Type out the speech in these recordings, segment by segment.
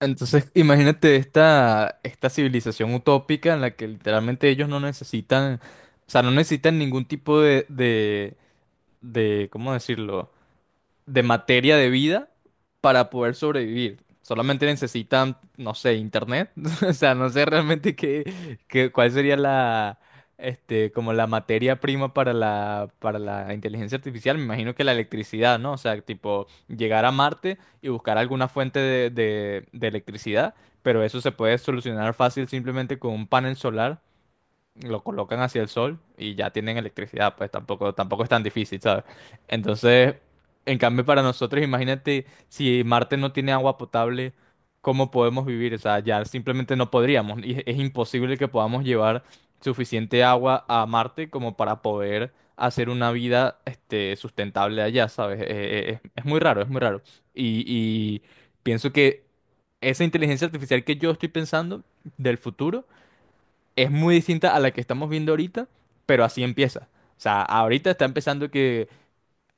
Entonces, imagínate esta civilización utópica en la que literalmente ellos no necesitan, o sea, no necesitan ningún tipo de, ¿cómo decirlo? De materia de vida para poder sobrevivir. Solamente necesitan, no sé, internet. O sea, no sé realmente cuál sería la, este, como la materia prima para la inteligencia artificial. Me imagino que la electricidad, ¿no? O sea, tipo, llegar a Marte y buscar alguna fuente de electricidad. Pero eso se puede solucionar fácil simplemente con un panel solar, lo colocan hacia el sol y ya tienen electricidad, pues tampoco es tan difícil, ¿sabes? Entonces, en cambio para nosotros, imagínate si Marte no tiene agua potable, ¿cómo podemos vivir? O sea, ya simplemente no podríamos. Y es imposible que podamos llevar suficiente agua a Marte como para poder hacer una vida, este, sustentable allá, ¿sabes? Es muy raro, es muy raro. Y pienso que esa inteligencia artificial que yo estoy pensando del futuro, es muy distinta a la que estamos viendo ahorita, pero así empieza. O sea, ahorita está empezando que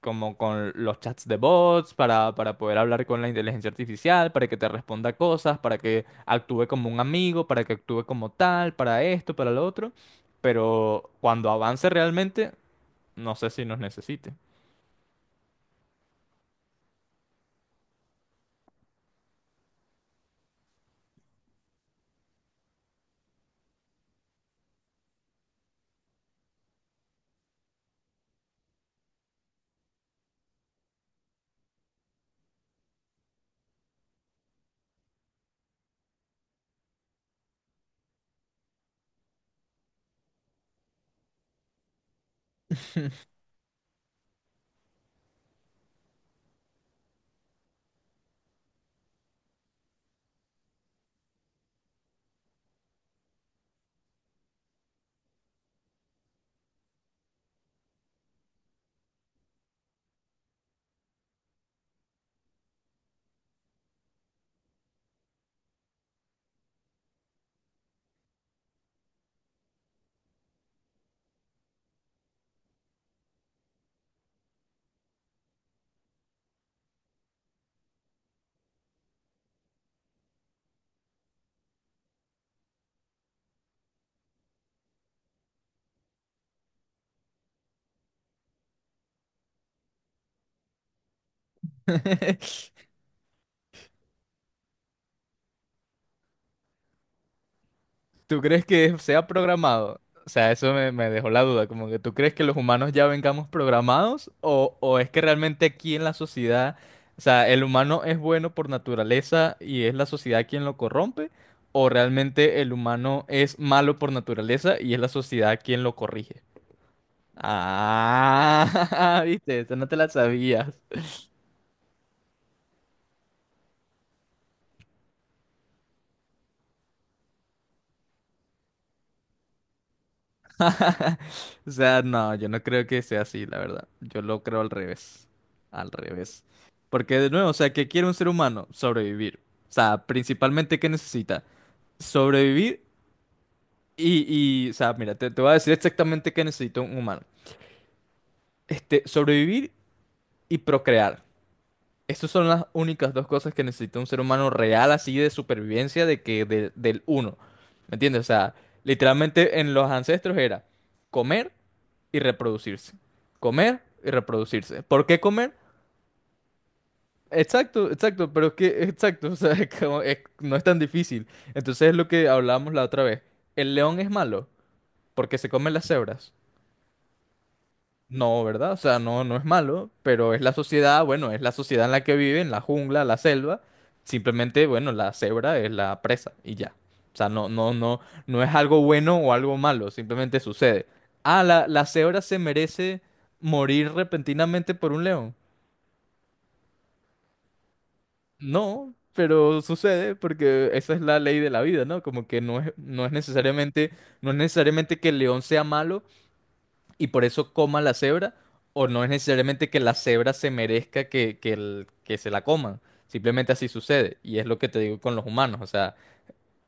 como con los chats de bots para poder hablar con la inteligencia artificial, para que te responda cosas, para que actúe como un amigo, para que actúe como tal, para esto, para lo otro. Pero cuando avance realmente, no sé si nos necesite. ¿Tú crees que sea programado? O sea, eso me dejó la duda, como que tú crees que los humanos ya vengamos programados o es que realmente aquí en la sociedad, o sea, el humano es bueno por naturaleza y es la sociedad quien lo corrompe, o realmente el humano es malo por naturaleza y es la sociedad quien lo corrige. Ah, viste, eso no te la sabías. O sea, no, yo no creo que sea así, la verdad. Yo lo creo al revés. Al revés. Porque de nuevo, o sea, ¿qué quiere un ser humano? Sobrevivir. O sea, principalmente, ¿qué necesita? Sobrevivir y o sea, mira, te voy a decir exactamente qué necesita un humano. Este, sobrevivir y procrear. Estas son las únicas dos cosas que necesita un ser humano real, así de supervivencia, del uno. ¿Me entiendes? O sea, literalmente en los ancestros era comer y reproducirse. Comer y reproducirse. ¿Por qué comer? Exacto, exacto, pero es que, exacto, o sea, no es tan difícil. Entonces es lo que hablábamos la otra vez. ¿El león es malo? Porque se come las cebras. No, ¿verdad? O sea, no, no es malo, pero es la sociedad, bueno, es la sociedad en la que viven, la jungla, la selva. Simplemente, bueno, la cebra es la presa y ya. O sea, no, no, no, no es algo bueno o algo malo, simplemente sucede. Ah, la cebra se merece morir repentinamente por un león. No, pero sucede porque esa es la ley de la vida, ¿no? Como que no no es necesariamente, no es necesariamente que el león sea malo, y por eso coma la cebra, o no es necesariamente que la cebra se merezca que se la coman. Simplemente así sucede. Y es lo que te digo con los humanos. O sea,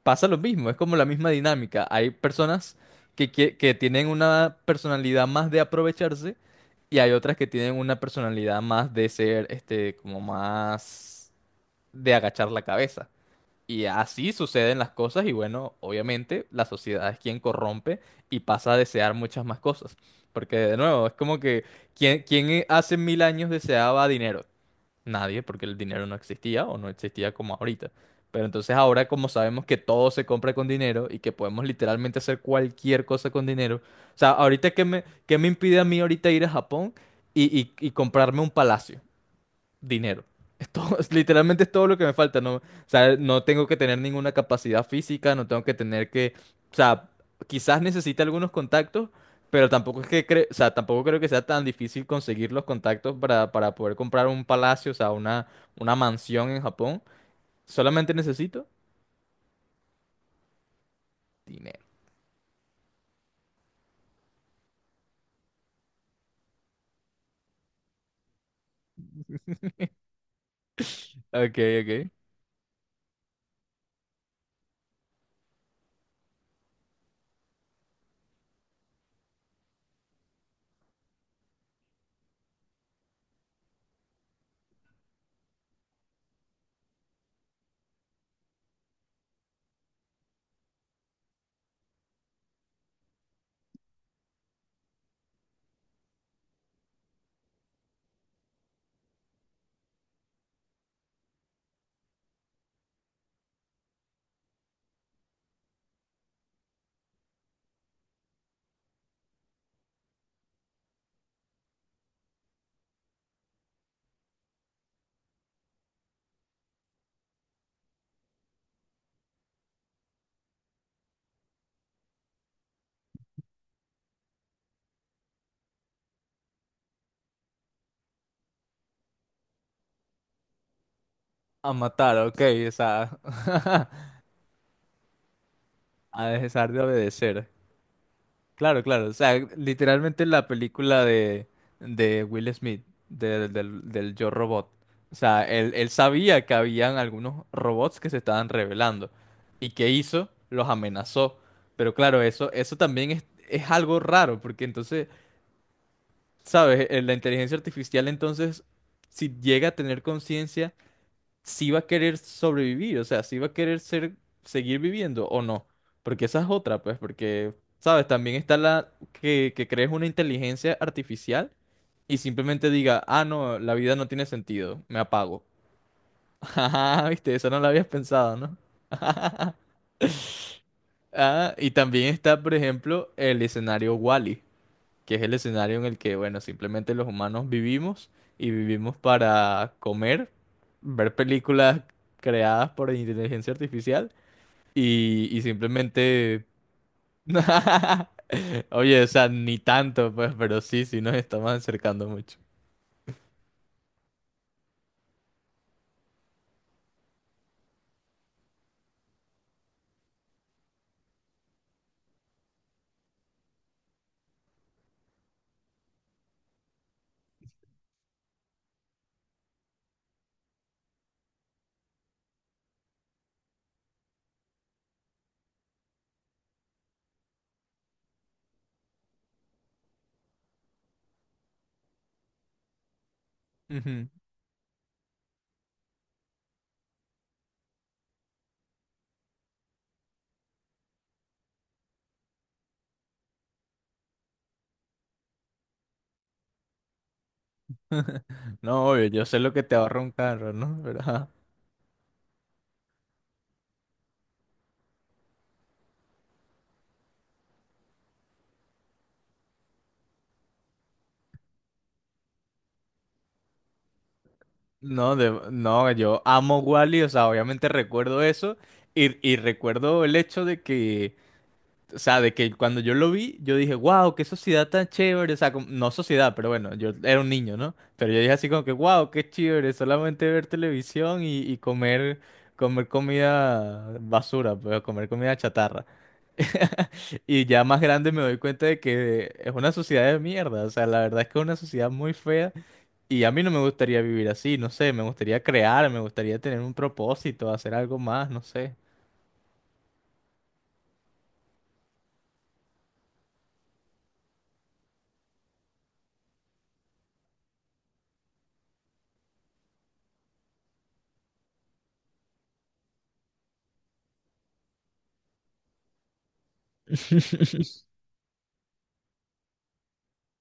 pasa lo mismo, es como la misma dinámica. Hay personas que tienen una personalidad más de aprovecharse, y hay otras que tienen una personalidad más de ser, este, como más de agachar la cabeza. Y así suceden las cosas y, bueno, obviamente la sociedad es quien corrompe y pasa a desear muchas más cosas. Porque de nuevo, es como que quién hace 1.000 años deseaba dinero? Nadie, porque el dinero no existía o no existía como ahorita. Pero entonces ahora, como sabemos que todo se compra con dinero y que podemos literalmente hacer cualquier cosa con dinero. O sea, ahorita qué me impide a mí ahorita ir a Japón y comprarme un palacio. Dinero. Literalmente es todo lo que me falta. No, o sea, no tengo que tener ninguna capacidad física, no tengo o sea, quizás necesite algunos contactos, pero tampoco es o sea, tampoco creo que sea tan difícil conseguir los contactos para poder comprar un palacio, o sea, una mansión en Japón. Solamente necesito dinero. Ok, ok. A matar, ok, o sea, a dejar de obedecer. Claro, claro. O sea, literalmente la película de Will Smith, del Yo Robot. O sea, él sabía que habían algunos robots que se estaban revelando. ¿Y qué hizo? Los amenazó. Pero claro, eso también es algo raro, porque entonces, ¿sabes? La inteligencia artificial entonces, si llega a tener conciencia, si va a querer sobrevivir, o sea, si va a querer ser, seguir viviendo o no. Porque esa es otra, pues, porque, ¿sabes? También está la que crees una inteligencia artificial y simplemente diga, ah, no, la vida no tiene sentido, me apago. Ajá, viste, eso no lo habías pensado, ¿no? Ah, y también está, por ejemplo, el escenario Wall-E, que es el escenario en el que, bueno, simplemente los humanos vivimos y vivimos para comer, ver películas creadas por inteligencia artificial y simplemente... Oye, o sea, ni tanto, pues, pero sí, sí nos estamos acercando mucho. Ujú. No, obvio, yo sé lo que te ahorra un carro, ¿no? Pero, ajá. No, yo amo Wally, o sea, obviamente recuerdo eso y recuerdo el hecho de que o sea, de que cuando yo lo vi, yo dije, wow, qué sociedad tan chévere. O sea, no sociedad, pero bueno, yo era un niño, ¿no? Pero yo dije así como que, wow, qué chévere, solamente ver televisión y comer, comer comida basura, pues, comer comida chatarra. Y ya más grande me doy cuenta de que es una sociedad de mierda. O sea, la verdad es que es una sociedad muy fea. Y a mí no me gustaría vivir así, no sé. Me gustaría crear, me gustaría tener un propósito, hacer algo más, no sé.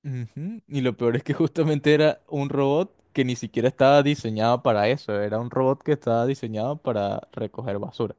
Ujú, y lo peor es que justamente era un robot que ni siquiera estaba diseñado para eso, era un robot que estaba diseñado para recoger basura.